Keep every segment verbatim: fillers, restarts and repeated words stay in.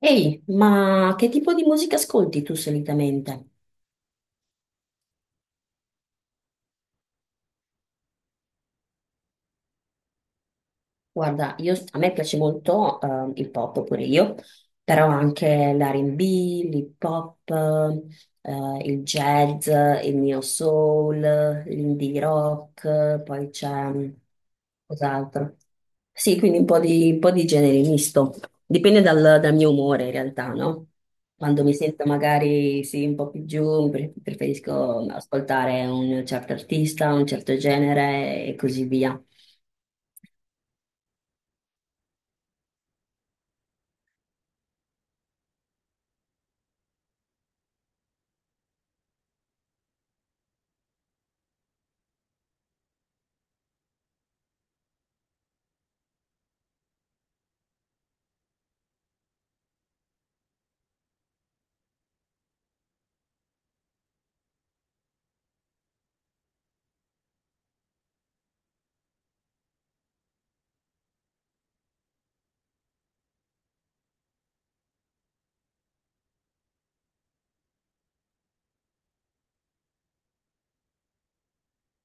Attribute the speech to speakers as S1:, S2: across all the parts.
S1: Ehi, ma che tipo di musica ascolti tu solitamente? Guarda, io- a me piace molto eh, il pop pure io, però anche l'R and B, l'hip hop, eh, il jazz, il neo soul, l'indie rock, poi c'è mm, cos'altro. Sì, quindi un po' di, un po' di genere misto. Dipende dal, dal mio umore in realtà, no? Quando mi sento magari sì, un po' più giù, pre- preferisco ascoltare un certo artista, un certo genere e così via.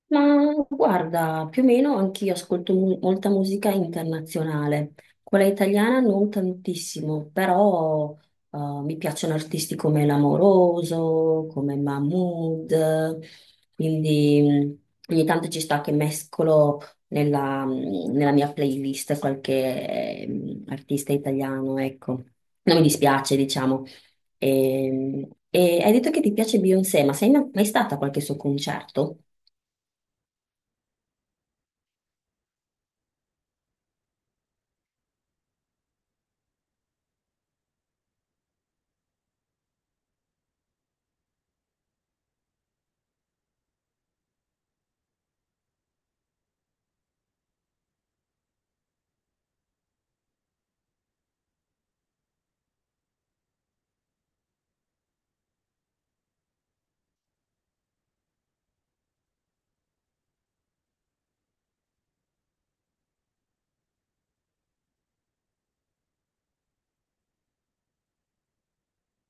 S1: Ma guarda, più o meno anch'io ascolto mu- molta musica internazionale, quella italiana non tantissimo, però eh, mi piacciono artisti come L'Amoroso, come Mahmood, quindi mm, ogni tanto ci sta che mescolo nella, mm, nella mia playlist qualche mm, artista italiano, ecco. Non mi dispiace, diciamo. E, e hai detto che ti piace Beyoncé, ma sei mai mai stata a qualche suo concerto?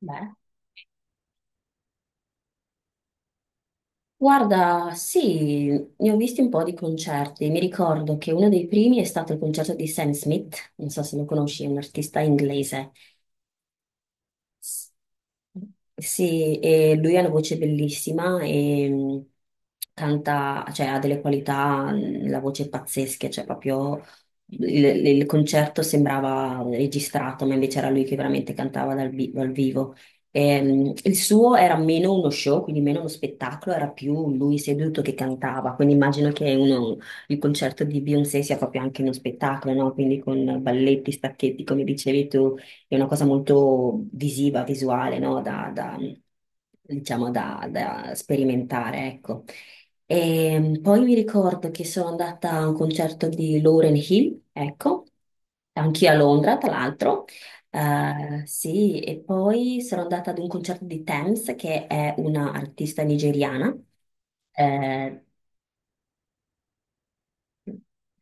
S1: Beh. Guarda, sì, ne ho visti un po' di concerti. Mi ricordo che uno dei primi è stato il concerto di Sam Smith, non so se lo conosci, è un artista inglese. Sì, e lui ha una voce bellissima e mh, canta, cioè ha delle qualità, mh, la voce è pazzesca, cioè proprio il, il il concerto sembrava registrato, ma invece era lui che veramente cantava dal, vi- dal vivo. E, mh, il suo era meno uno show, quindi meno uno spettacolo, era più lui seduto che cantava, quindi immagino che uno- il concerto di Beyoncé sia proprio anche uno spettacolo, no? Quindi con balletti, stacchetti, come dicevi tu è una cosa molto visiva, visuale, no? Da, da, diciamo, da, da sperimentare, ecco. E poi mi ricordo che sono andata a un concerto di Lauren Hill, ecco, anch'io a Londra, tra l'altro. Eh, sì, e poi sono andata ad un concerto di Tems, che è una artista nigeriana. Eh,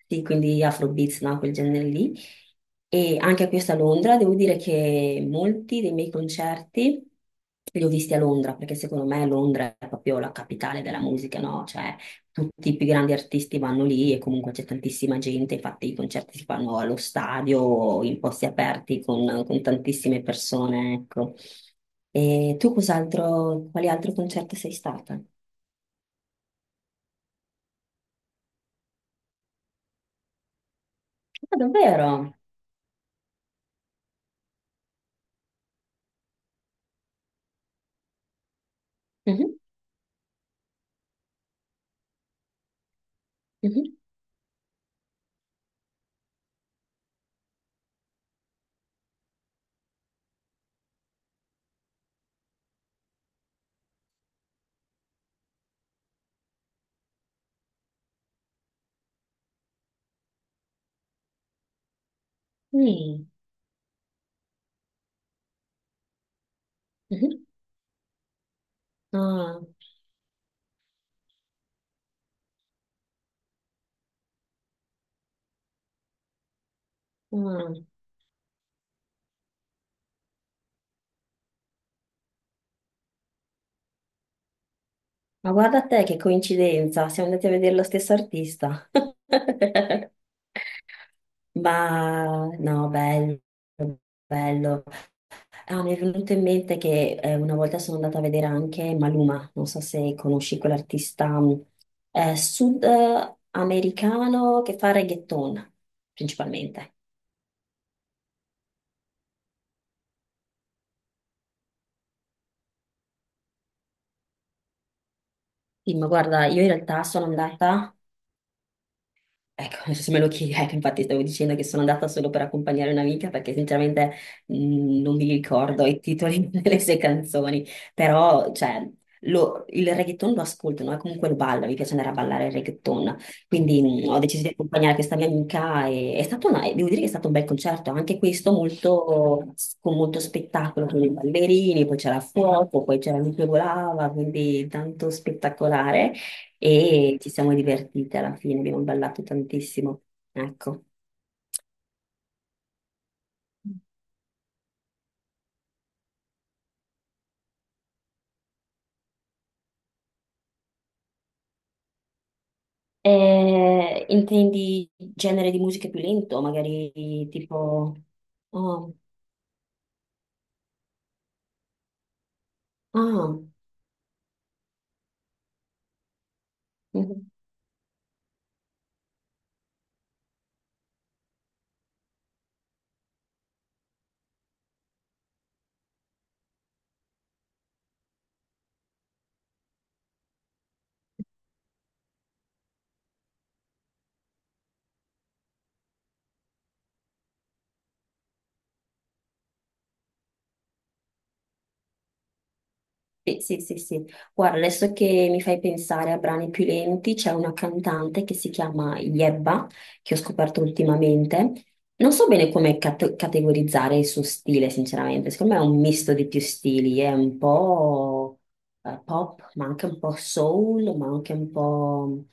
S1: sì, quindi Afrobeats, no? Quel genere lì. E anche questo a Londra, devo dire che molti dei miei concerti li ho visti a Londra, perché secondo me Londra è proprio la capitale della musica, no? Cioè, tutti i più grandi artisti vanno lì e comunque c'è tantissima gente, infatti i concerti si fanno allo stadio, o in posti aperti con, con tantissime persone, ecco. E tu cos'altro, quali altri concerti sei stata? Ah, davvero? Mhm, mhm, mm, mhm. Ah, ah. Ma guarda te che coincidenza, siamo andati a vedere lo stesso artista. Ma no, bello, bello. Ah, mi è venuto in mente che eh, una volta sono andata a vedere anche Maluma, non so se conosci quell'artista mh, eh, sudamericano che fa reggaeton principalmente. Sì, ma guarda, io in realtà sono andata. Ecco, se me lo chiedi, ecco, infatti stavo dicendo che sono andata solo per accompagnare un'amica perché sinceramente mh, non mi ricordo i titoli delle sue canzoni, però cioè, lo- il reggaeton lo ascolto, no? E comunque lo ballo, mi piace andare a ballare il reggaeton, quindi mh, ho deciso di accompagnare questa mia amica e è stato una- devo dire che è stato un bel concerto, anche questo molto, con molto spettacolo, con i ballerini, poi c'era fuoco, poi c'era lui che volava, quindi tanto spettacolare e ci siamo divertite alla fine, abbiamo ballato tantissimo. Ecco. Eh, intendi genere di musica più lento, magari tipo... Oh, ah, mhm. Sì, sì, sì, sì. Guarda, adesso che mi fai pensare a brani più lenti, c'è una cantante che si chiama Yebba, che ho scoperto ultimamente. Non so bene come cate- categorizzare il suo stile, sinceramente. Secondo me è un misto di più stili, è un po' eh, pop, ma anche un po' soul, ma anche un po'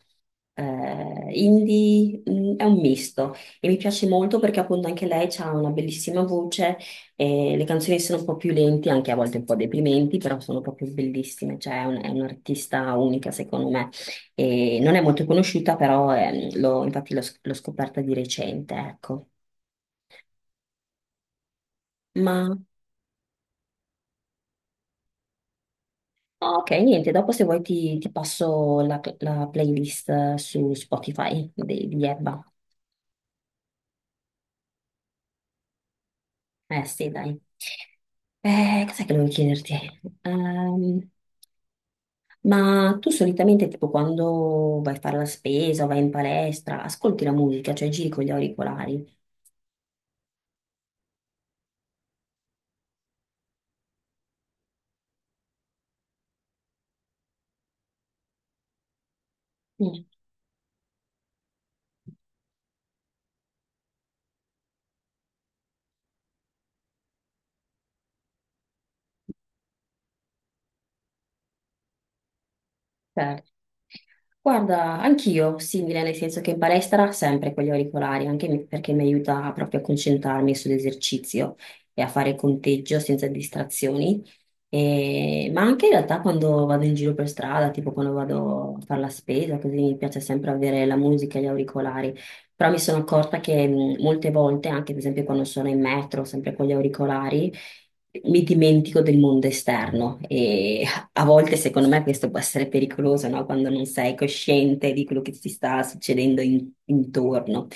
S1: eh, indie, mm, è un misto e mi piace molto perché appunto anche lei ha una bellissima voce e le canzoni sono un po' più lenti, anche a volte un po' deprimenti, però sono proprio bellissime, cioè è un- è un'artista unica secondo me. E non è molto conosciuta, però ehm, l'ho- infatti l'ho sc- l'ho scoperta di recente, ecco. Ma ok, niente, dopo se vuoi ti, ti passo la, la playlist su Spotify di, di Ebba. Eh sì, dai. Eh, cos'è che volevo chiederti? Ehm, ma tu solitamente, tipo, quando vai a fare la spesa o vai in palestra, ascolti la musica, cioè giri con gli auricolari? Certo. Guarda, anch'io simile, nel senso che in palestra sempre con gli auricolari, anche mi- perché mi aiuta proprio a concentrarmi sull'esercizio e a fare conteggio senza distrazioni. E- ma anche in realtà quando vado in giro per strada, tipo quando vado a fare la spesa, così mi piace sempre avere la musica e gli auricolari. Però mi sono accorta che mh, molte volte, anche per esempio quando sono in metro, sempre con gli auricolari, mi dimentico del mondo esterno a volte, secondo me, questo può essere pericoloso, no? Quando non sei cosciente di quello che ti sta succedendo in- intorno.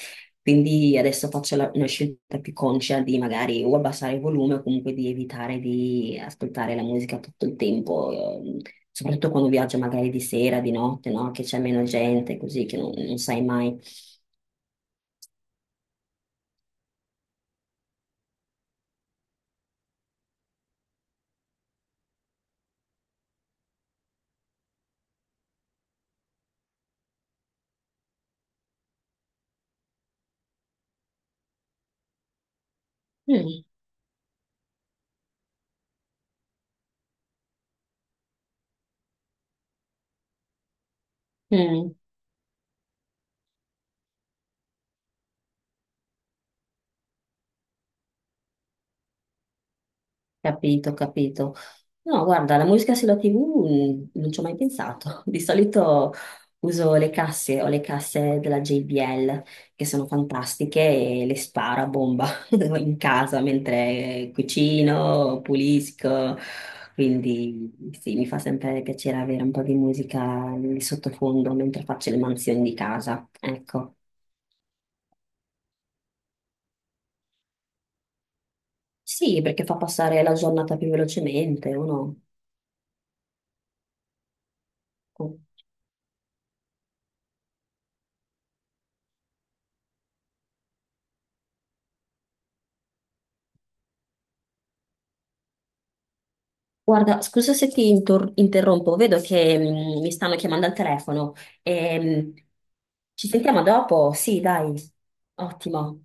S1: Quindi adesso faccio la- una scelta più conscia di magari o abbassare il volume o comunque di evitare di ascoltare la musica tutto il tempo, ehm, soprattutto quando viaggio magari di sera, di notte, no? Che c'è meno gente, così che non, non sai mai. Mm, mm. Capito, capito. No, guarda, la musica sulla T V mh, non ci ho mai pensato. Di solito uso le casse, ho le casse della J B L che sono fantastiche e le sparo a bomba in casa mentre cucino, pulisco. Quindi sì, mi fa sempre piacere avere un po' di musica di sottofondo mentre faccio le mansioni di casa. Ecco. Sì, perché fa passare la giornata più velocemente, uno. Guarda, scusa se ti intor- interrompo, vedo che mm, mi stanno chiamando al telefono. Ehm, Ci sentiamo dopo? Sì, dai, ottimo.